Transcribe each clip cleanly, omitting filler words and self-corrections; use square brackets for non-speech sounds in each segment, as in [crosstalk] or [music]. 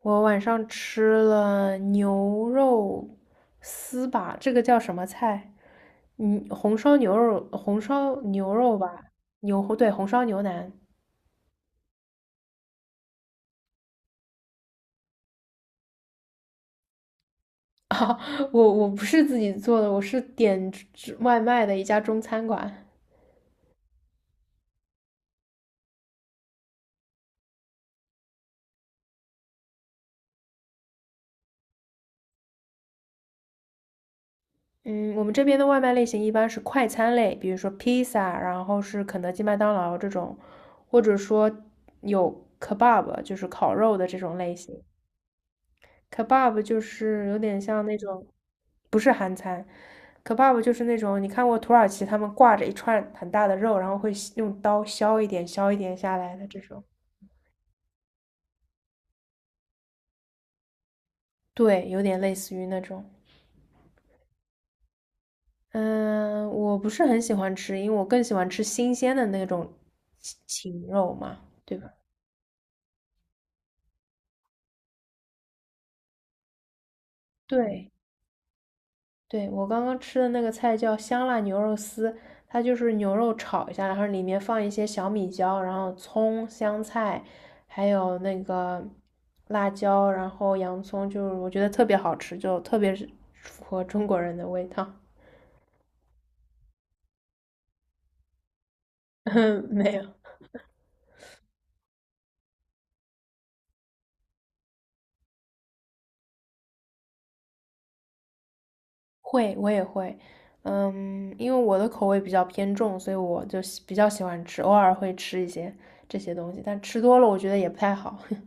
我晚上吃了牛肉丝吧，这个叫什么菜？嗯，红烧牛肉，红烧牛肉吧，牛，对，红烧牛腩。[laughs] 啊，我不是自己做的，我是点吃外卖的一家中餐馆。嗯，我们这边的外卖类型一般是快餐类，比如说披萨，然后是肯德基、麦当劳这种，或者说有 kebab，就是烤肉的这种类型。kebab 就是有点像那种，不是韩餐，kebab 就是那种你看过土耳其他们挂着一串很大的肉，然后会削用刀削一点削一点下来的这种，对，有点类似于那种。嗯，我不是很喜欢吃，因为我更喜欢吃新鲜的那种禽肉嘛，对吧？对。对，我刚刚吃的那个菜叫香辣牛肉丝，它就是牛肉炒一下，然后里面放一些小米椒，然后葱、香菜，还有那个辣椒，然后洋葱，就是我觉得特别好吃，就特别是符合中国人的味道。[laughs] 嗯没有，会，我也会。嗯，因为我的口味比较偏重，所以我就比较喜欢吃，偶尔会吃一些这些东西，但吃多了我觉得也不太好。[laughs]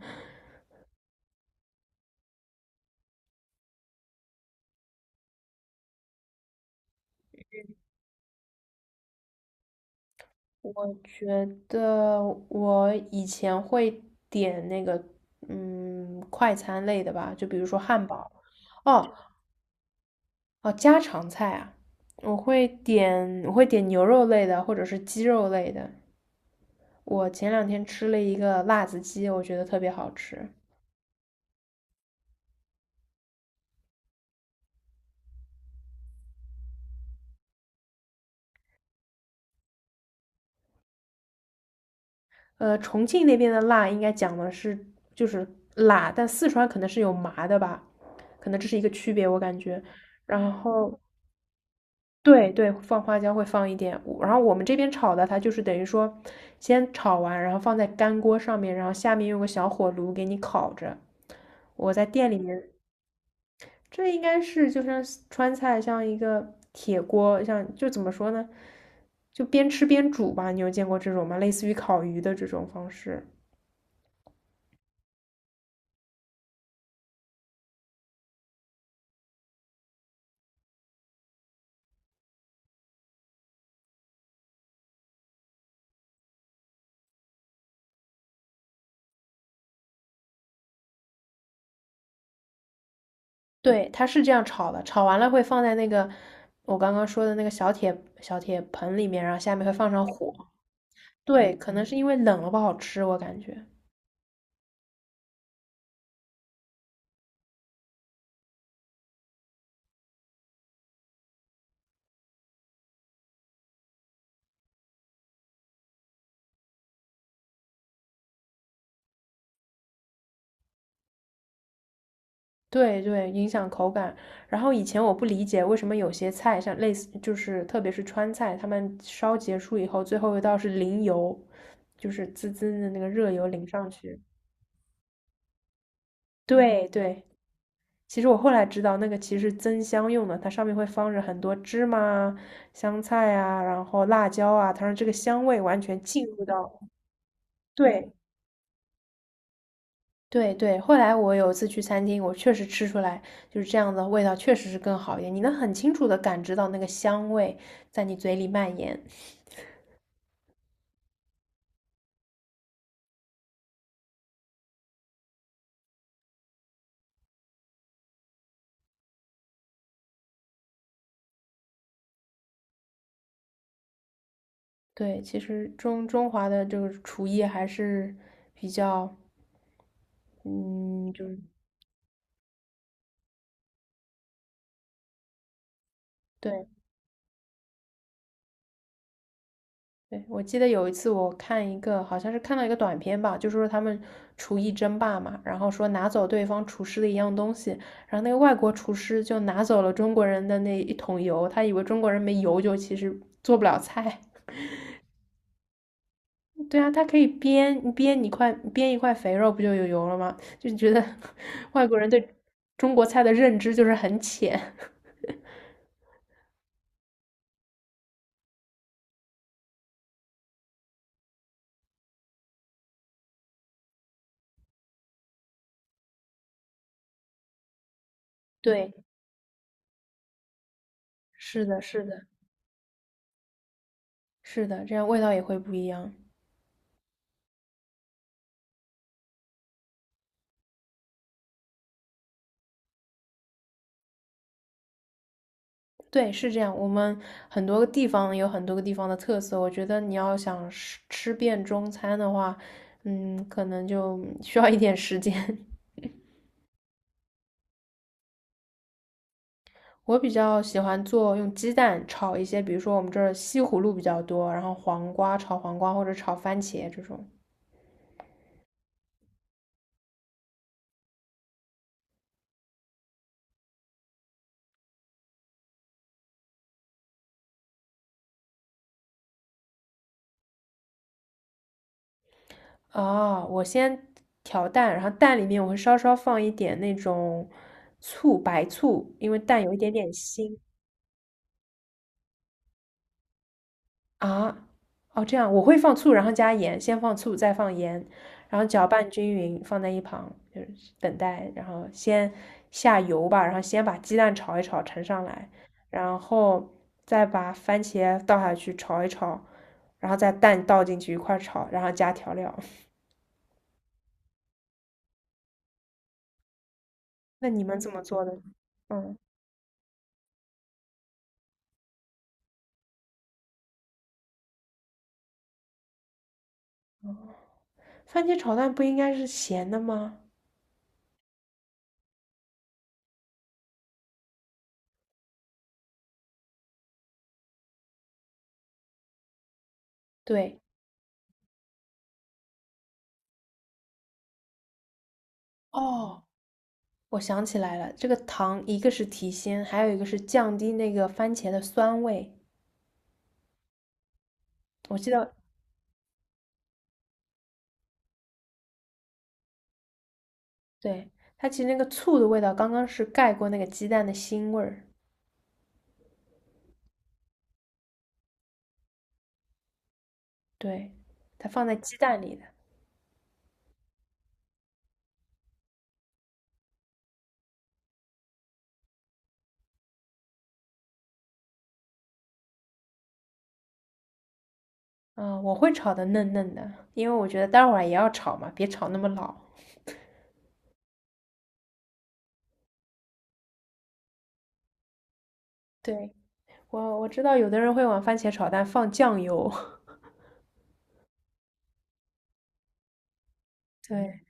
我觉得我以前会点那个，嗯，快餐类的吧，就比如说汉堡。哦哦，家常菜啊，我会点牛肉类的或者是鸡肉类的。我前两天吃了一个辣子鸡，我觉得特别好吃。重庆那边的辣应该讲的是就是辣，但四川可能是有麻的吧，可能这是一个区别，我感觉。然后对，放花椒会放一点，我然后我们这边炒的它就是等于说，先炒完，然后放在干锅上面，然后下面用个小火炉给你烤着。我在店里面，这应该是就像川菜，像一个铁锅，像就怎么说呢，就边吃边煮吧。你有见过这种吗？类似于烤鱼的这种方式。对，它是这样炒的，炒完了会放在那个我刚刚说的那个小铁盆里面，然后下面会放上火。对，可能是因为冷了不好吃，我感觉。对，影响口感。然后以前我不理解为什么有些菜，像类似就是特别是川菜，他们烧结束以后，最后一道是淋油，就是滋滋的那个热油淋上去。对，其实我后来知道那个其实是增香用的，它上面会放着很多芝麻啊香菜啊，然后辣椒啊，它让这个香味完全进入到，对对对，后来我有一次去餐厅，我确实吃出来就是这样的味道，确实是更好一点。你能很清楚的感知到那个香味在你嘴里蔓延。对，其实中华的这个厨艺还是比较，嗯，就是对对。我记得有一次我看一个，好像是看到一个短片吧，就说他们厨艺争霸嘛，然后说拿走对方厨师的一样东西，然后那个外国厨师就拿走了中国人的那一桶油，他以为中国人没油就其实做不了菜。对啊，它可以煸一块肥肉，不就有油了吗？就觉得 [laughs] 外国人对中国菜的认知就是很浅。[laughs] 对，是的，是的，是的，这样味道也会不一样。对，是这样。我们很多个地方有很多个地方的特色，我觉得你要想吃遍中餐的话，嗯，可能就 [laughs] 需要一点时间。[laughs] 我比较喜欢做用鸡蛋炒一些，比如说我们这儿西葫芦比较多，然后黄瓜炒黄瓜或者炒番茄这种。哦，我先调蛋，然后蛋里面我会稍稍放一点那种醋，白醋，因为蛋有一点点腥啊。哦，这样我会放醋，然后加盐，先放醋，再放盐，然后搅拌均匀，放在一旁，就是等待。然后先下油吧，然后先把鸡蛋炒一炒，盛上来，然后再把番茄倒下去炒一炒，然后再蛋倒进去一块儿炒，然后加调料。[laughs] 那你们怎么做的？嗯。番茄炒蛋不应该是咸的吗？对，哦，我想起来了，这个糖一个是提鲜，还有一个是降低那个番茄的酸味。我记得，对，它其实那个醋的味道刚刚是盖过那个鸡蛋的腥味儿，对，它放在鸡蛋里的。嗯，我会炒的嫩嫩的，因为我觉得待会儿也要炒嘛，别炒那么老。对，我知道有的人会往番茄炒蛋放酱油，[laughs] 对，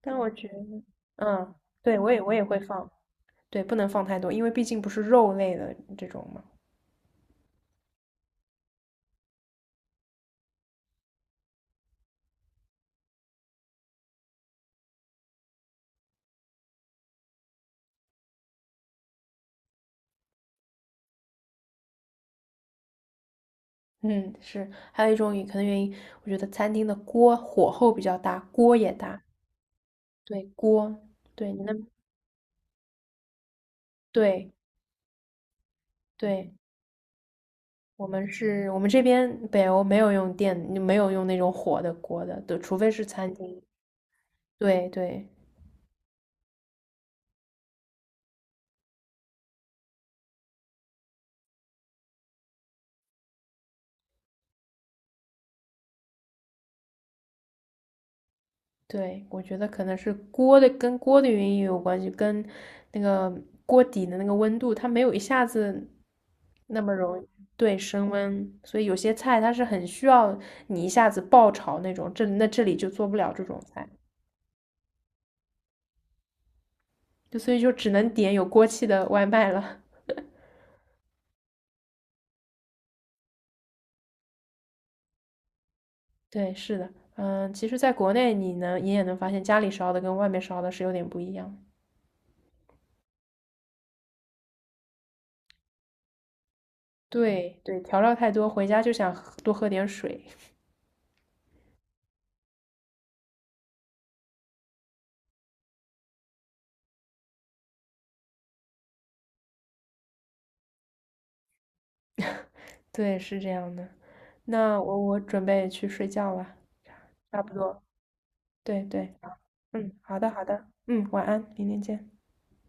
但我觉得，嗯，对，我也会放。对，不能放太多，因为毕竟不是肉类的这种嘛。嗯，是，还有一种也可能原因，我觉得餐厅的锅火候比较大，锅也大。对，锅，对，你那，对对，我们是，我们这边北欧没有用电，没有用那种火的锅的，对，除非是餐厅。对。对，我觉得可能是锅的跟锅的原因也有关系，跟那个锅底的那个温度，它没有一下子那么容易对升温，所以有些菜它是很需要你一下子爆炒那种，这那这里就做不了这种菜，就所以就只能点有锅气的外卖了。[laughs] 对，是的，嗯，其实在国内你也能发现家里烧的跟外面烧的是有点不一样。对，调料太多，回家就想喝点水。[laughs] 对，是这样的。那我准备去睡觉了，差不多。对对，嗯，好的好的，嗯，晚安，明天见。